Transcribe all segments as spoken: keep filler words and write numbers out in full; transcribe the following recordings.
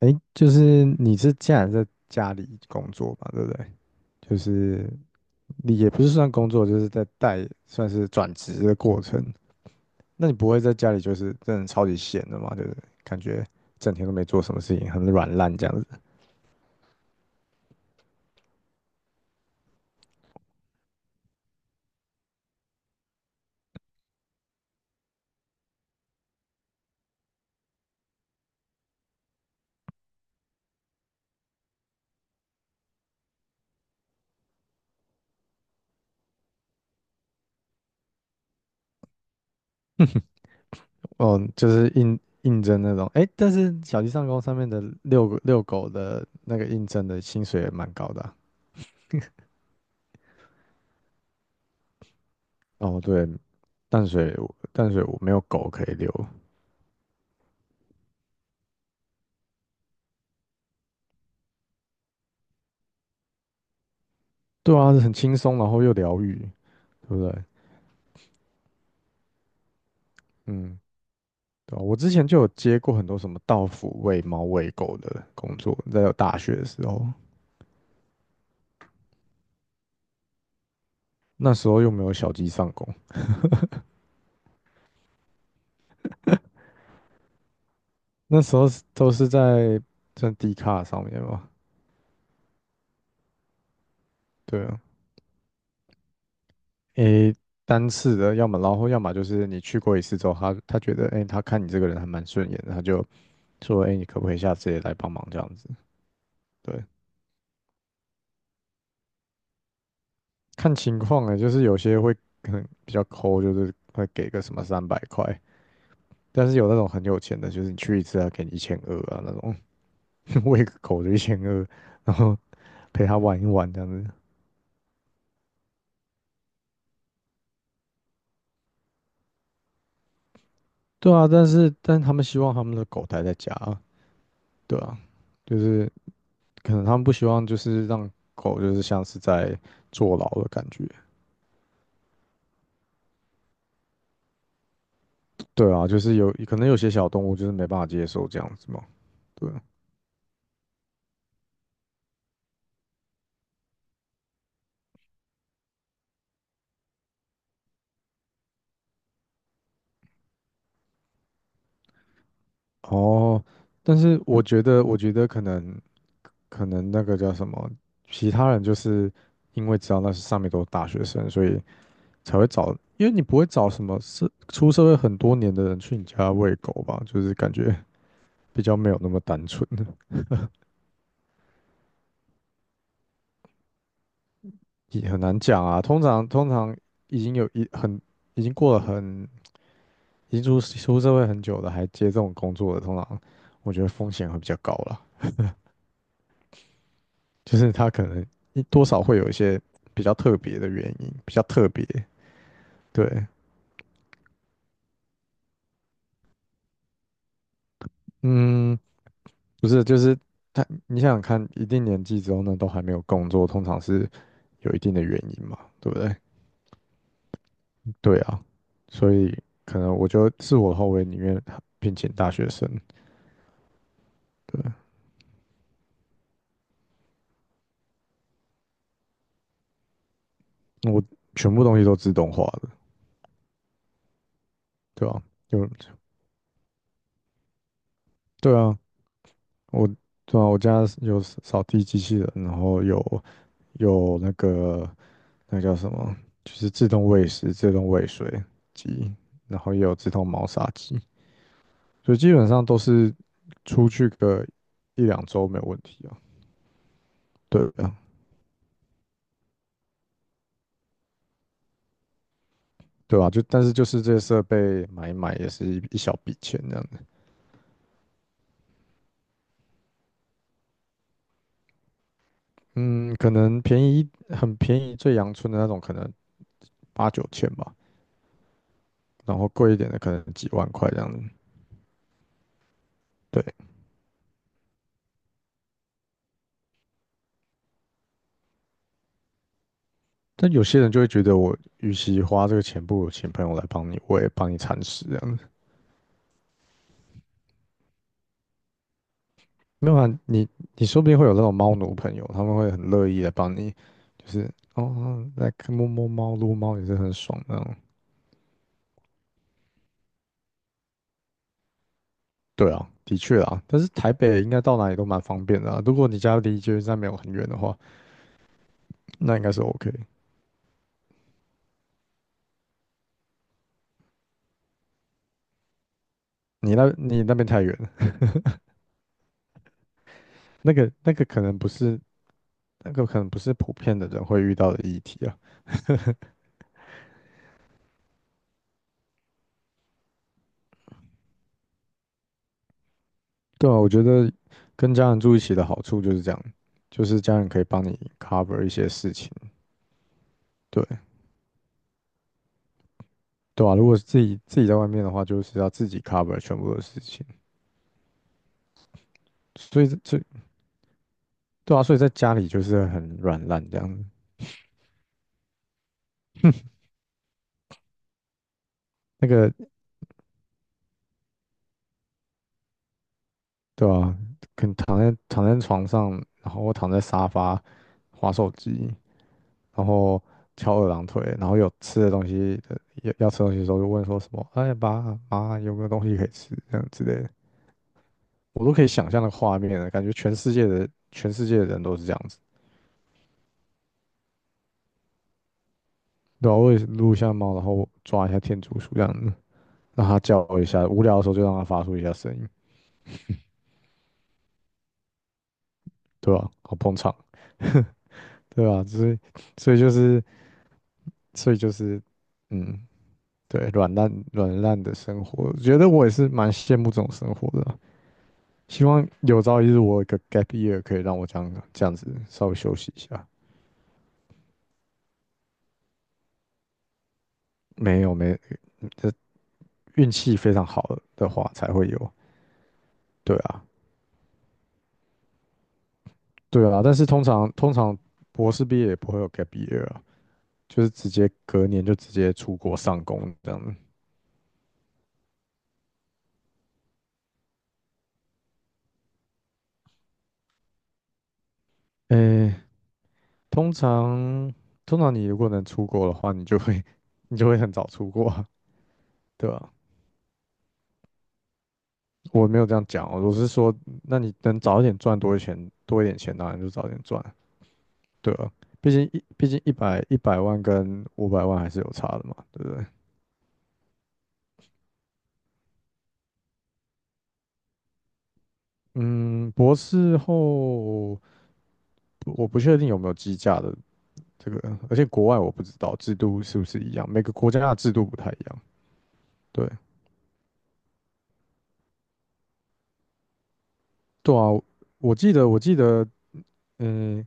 哎，就是你是既然在家里工作嘛，对不对？就是你也不是算工作，就是在带，算是转职的过程。那你不会在家里就是真的超级闲的嘛？就是感觉整天都没做什么事情，很软烂这样子。哦，就是应应征那种。哎，但是小鸡上工上面的遛狗遛狗的那个应征的薪水也蛮高的啊。哦，对，淡水淡水我没有狗可以遛。对啊，很轻松，然后又疗愈，对不对？嗯。对啊我之前就有接过很多什么到府喂猫喂狗的工作，在有大学的时候，那时候又没有小鸡上工，那时候是都是在在 D 卡上面嘛，对啊，诶，单次的，要么然后要么就是你去过一次之后，他他觉得诶，他看你这个人还蛮顺眼的，他就说诶，你可不可以下次也来帮忙这样子？对，看情况啊，就是有些会可能比较抠，就是会给个什么三百块，但是有那种很有钱的，就是你去一次啊，给你一千二啊那种。喂个狗的一千二，然后陪它玩一玩这样子。对啊，但是但他们希望他们的狗待在家啊。对啊，就是可能他们不希望就是让狗就是像是在坐牢的感觉。对啊，就是有可能有些小动物就是没办法接受这样子嘛。对啊，哦，但是我觉得，我觉得可能可能那个叫什么，其他人就是因为知道那是上面都是大学生，所以才会找，因为你不会找什么是出社会很多年的人去你家喂狗吧，就是感觉比较没有那么单纯，也很难讲啊。通常通常已经有一很已经过了很已经出出社会很久的，还接这种工作的，通常我觉得风险会比较高啦，就是他可能一多少会有一些比较特别的原因，比较特别。对，嗯，不是，就是他，你想想看，一定年纪之后呢，都还没有工作，通常是有一定的原因嘛，对不对？对啊，所以可能我就自我后卫里面聘请大学生，对啊，我全部东西都自动化的，对吧、有，对啊，我对啊，我家有扫地机器人，然后有有那个那叫什么，就是自动喂食、自动喂水机，然后也有自动猫砂机，所以基本上都是出去个一两周没有问题啊，对啊，对吧、就但是就是这些设备买一买也是一一小笔钱这样。嗯，可能便宜很便宜，最阳春的那种可能八九千吧，然后贵一点的可能几万块这样子。对，但有些人就会觉得我与其花这个钱，不如请朋友来帮你，我也帮你铲屎这样子。没有啊，你你说不定会有那种猫奴朋友，他们会很乐意的帮你，就是哦，来摸摸猫、撸猫也是很爽的那种。对啊，的确啊，但是台北应该到哪里都蛮方便的啊。如果你家离捷运站没有很远的话，那应该是 OK。你那你那边太远了。那个那个可能不是那个可能不是普遍的人会遇到的议题啊。对啊，我觉得跟家人住一起的好处就是这样，就是家人可以帮你 cover 一些事情。对对啊，如果自己自己在外面的话，就是要自己 cover 全部的事情。所以这对啊，所以在家里就是很软烂这样子。那个对啊，可能躺在躺在床上，然后我躺在沙发滑手机，然后翘二郎腿，然后有吃的东西的，要要吃东西的时候就问说什么，哎爸妈有没有东西可以吃，这样之类的，我都可以想象那个画面了，感觉全世界的全世界的人都是这样子。对啊，我也是撸一下猫，然后抓一下天竺鼠这样子，让它叫一下，无聊的时候就让它发出一下声音，对吧、好捧场，对啊，所以所以就是所以就是，嗯，对，软烂软烂的生活，我觉得我也是蛮羡慕这种生活的啊。希望有朝一日我有一个 gap year 可以让我这样这样子稍微休息一下。没有没，这运气非常好的话才会有。对啊，对啊，但是通常通常博士毕业也不会有 gap year 啊，就是直接隔年就直接出国上工这样子。诶，通常通常你如果能出国的话，你就会 你就会很早出国啊。对啊，我没有这样讲哦，我是说，那你能早一点赚多一点钱，多一点钱当然就早点赚。对啊，毕竟一毕竟一百一百万跟五百万还是有差的嘛，对不对？嗯，博士后不我不确定有没有计价的这个，而且国外我不知道制度是不是一样，每个国家的制度不太一样。对对啊，我记得我记得，嗯，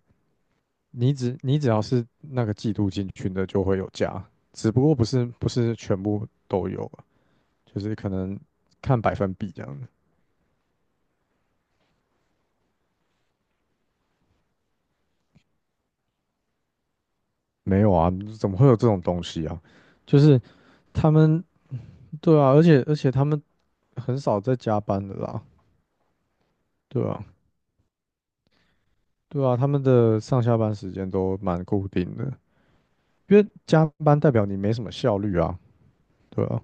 你只你只要是那个季度进群的就会有加，只不过不是不是全部都有啊，就是可能看百分比这样的。没有啊，怎么会有这种东西啊？就是他们对啊，而且而且他们很少在加班的啦，对啊，对啊，他们的上下班时间都蛮固定的，因为加班代表你没什么效率啊，对啊，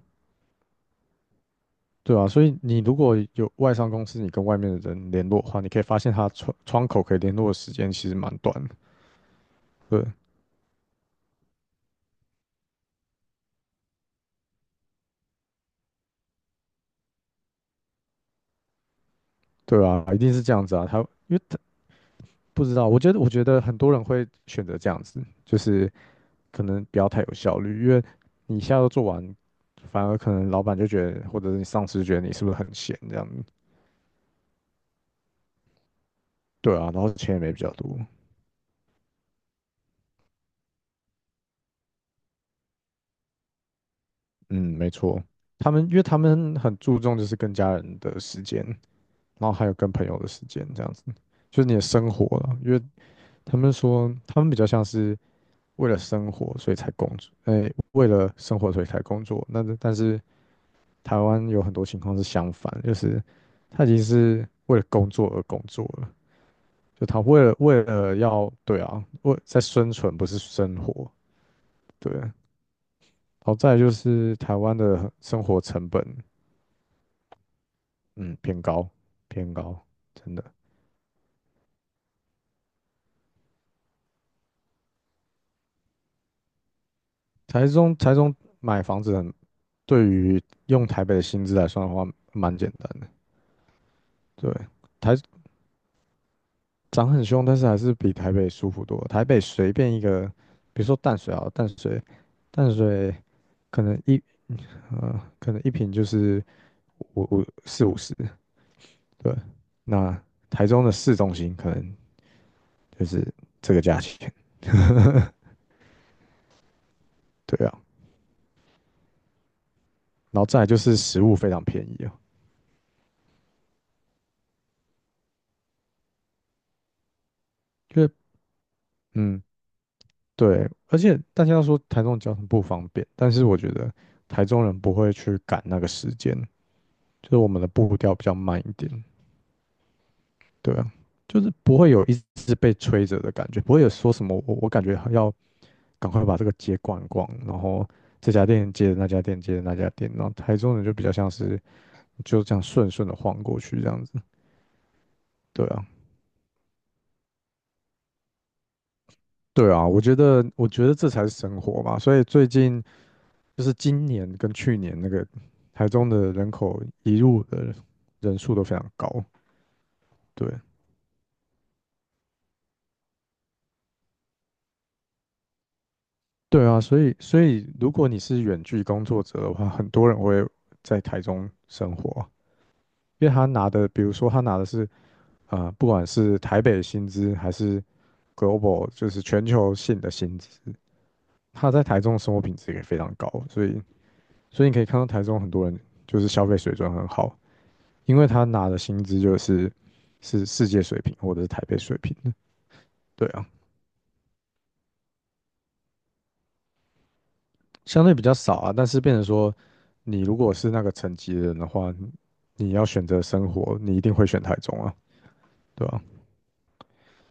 对啊，所以你如果有外商公司，你跟外面的人联络的话，你可以发现他窗窗口可以联络的时间其实蛮短的，对对啊，一定是这样子啊，他因为他不知道，我觉得我觉得很多人会选择这样子，就是。可能不要太有效率，因为你一下都做完，反而可能老板就觉得，或者是你上司觉得你是不是很闲这样子？对啊，然后钱也没比较多。嗯，没错，他们因为他们很注重就是跟家人的时间，然后还有跟朋友的时间这样子，就是你的生活了。因为他们说他们比较像是为了生活所以才工作，哎，为了生活所以才工作。那但是台湾有很多情况是相反，就是他已经是为了工作而工作了，就他为了为了要对啊，为在生存不是生活，对。好在就是台湾的生活成本，嗯，偏高，偏高，真的。台中台中买房子很，对于用台北的薪资来算的话，蛮简单的。对，台涨很凶，但是还是比台北舒服多了。台北随便一个，比如说淡水啊，淡水，淡水可能一呃，可能一瓶就是五五四五十，对，那台中的市中心可能就是这个价钱，对啊。然后再来就是食物非常便宜啊，就是嗯，对，而且大家都说台中交通不方便，但是我觉得台中人不会去赶那个时间，就是我们的步调比较慢一点，对啊，就是不会有一直被催着的感觉，不会有说什么我我感觉要赶快把这个街逛一逛，然后这家店接着那家店接着那家店，然后台中人就比较像是就这样顺顺的晃过去这样子。对啊，对啊，我觉得，我觉得这才是生活嘛。所以最近就是今年跟去年那个台中的人口移入的人数都非常高。对，对啊，所以，所以如果你是远距工作者的话，很多人会在台中生活，因为他拿的，比如说他拿的是呃，不管是台北薪资还是 global，就是全球性的薪资，他在台中的生活品质也非常高。所以，所以你可以看到台中很多人就是消费水准很好。因为他拿的薪资就是是世界水平或者是台北水平的，对啊，相对比较少啊。但是变成说，你如果是那个层级的人的话，你要选择生活，你一定会选台中啊，对啊，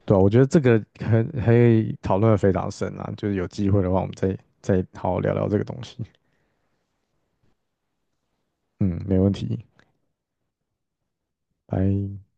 对啊，我觉得这个很可以讨论的非常深啊，就是有机会的话，我们再再好好聊聊这个东西。嗯，没问题，拜。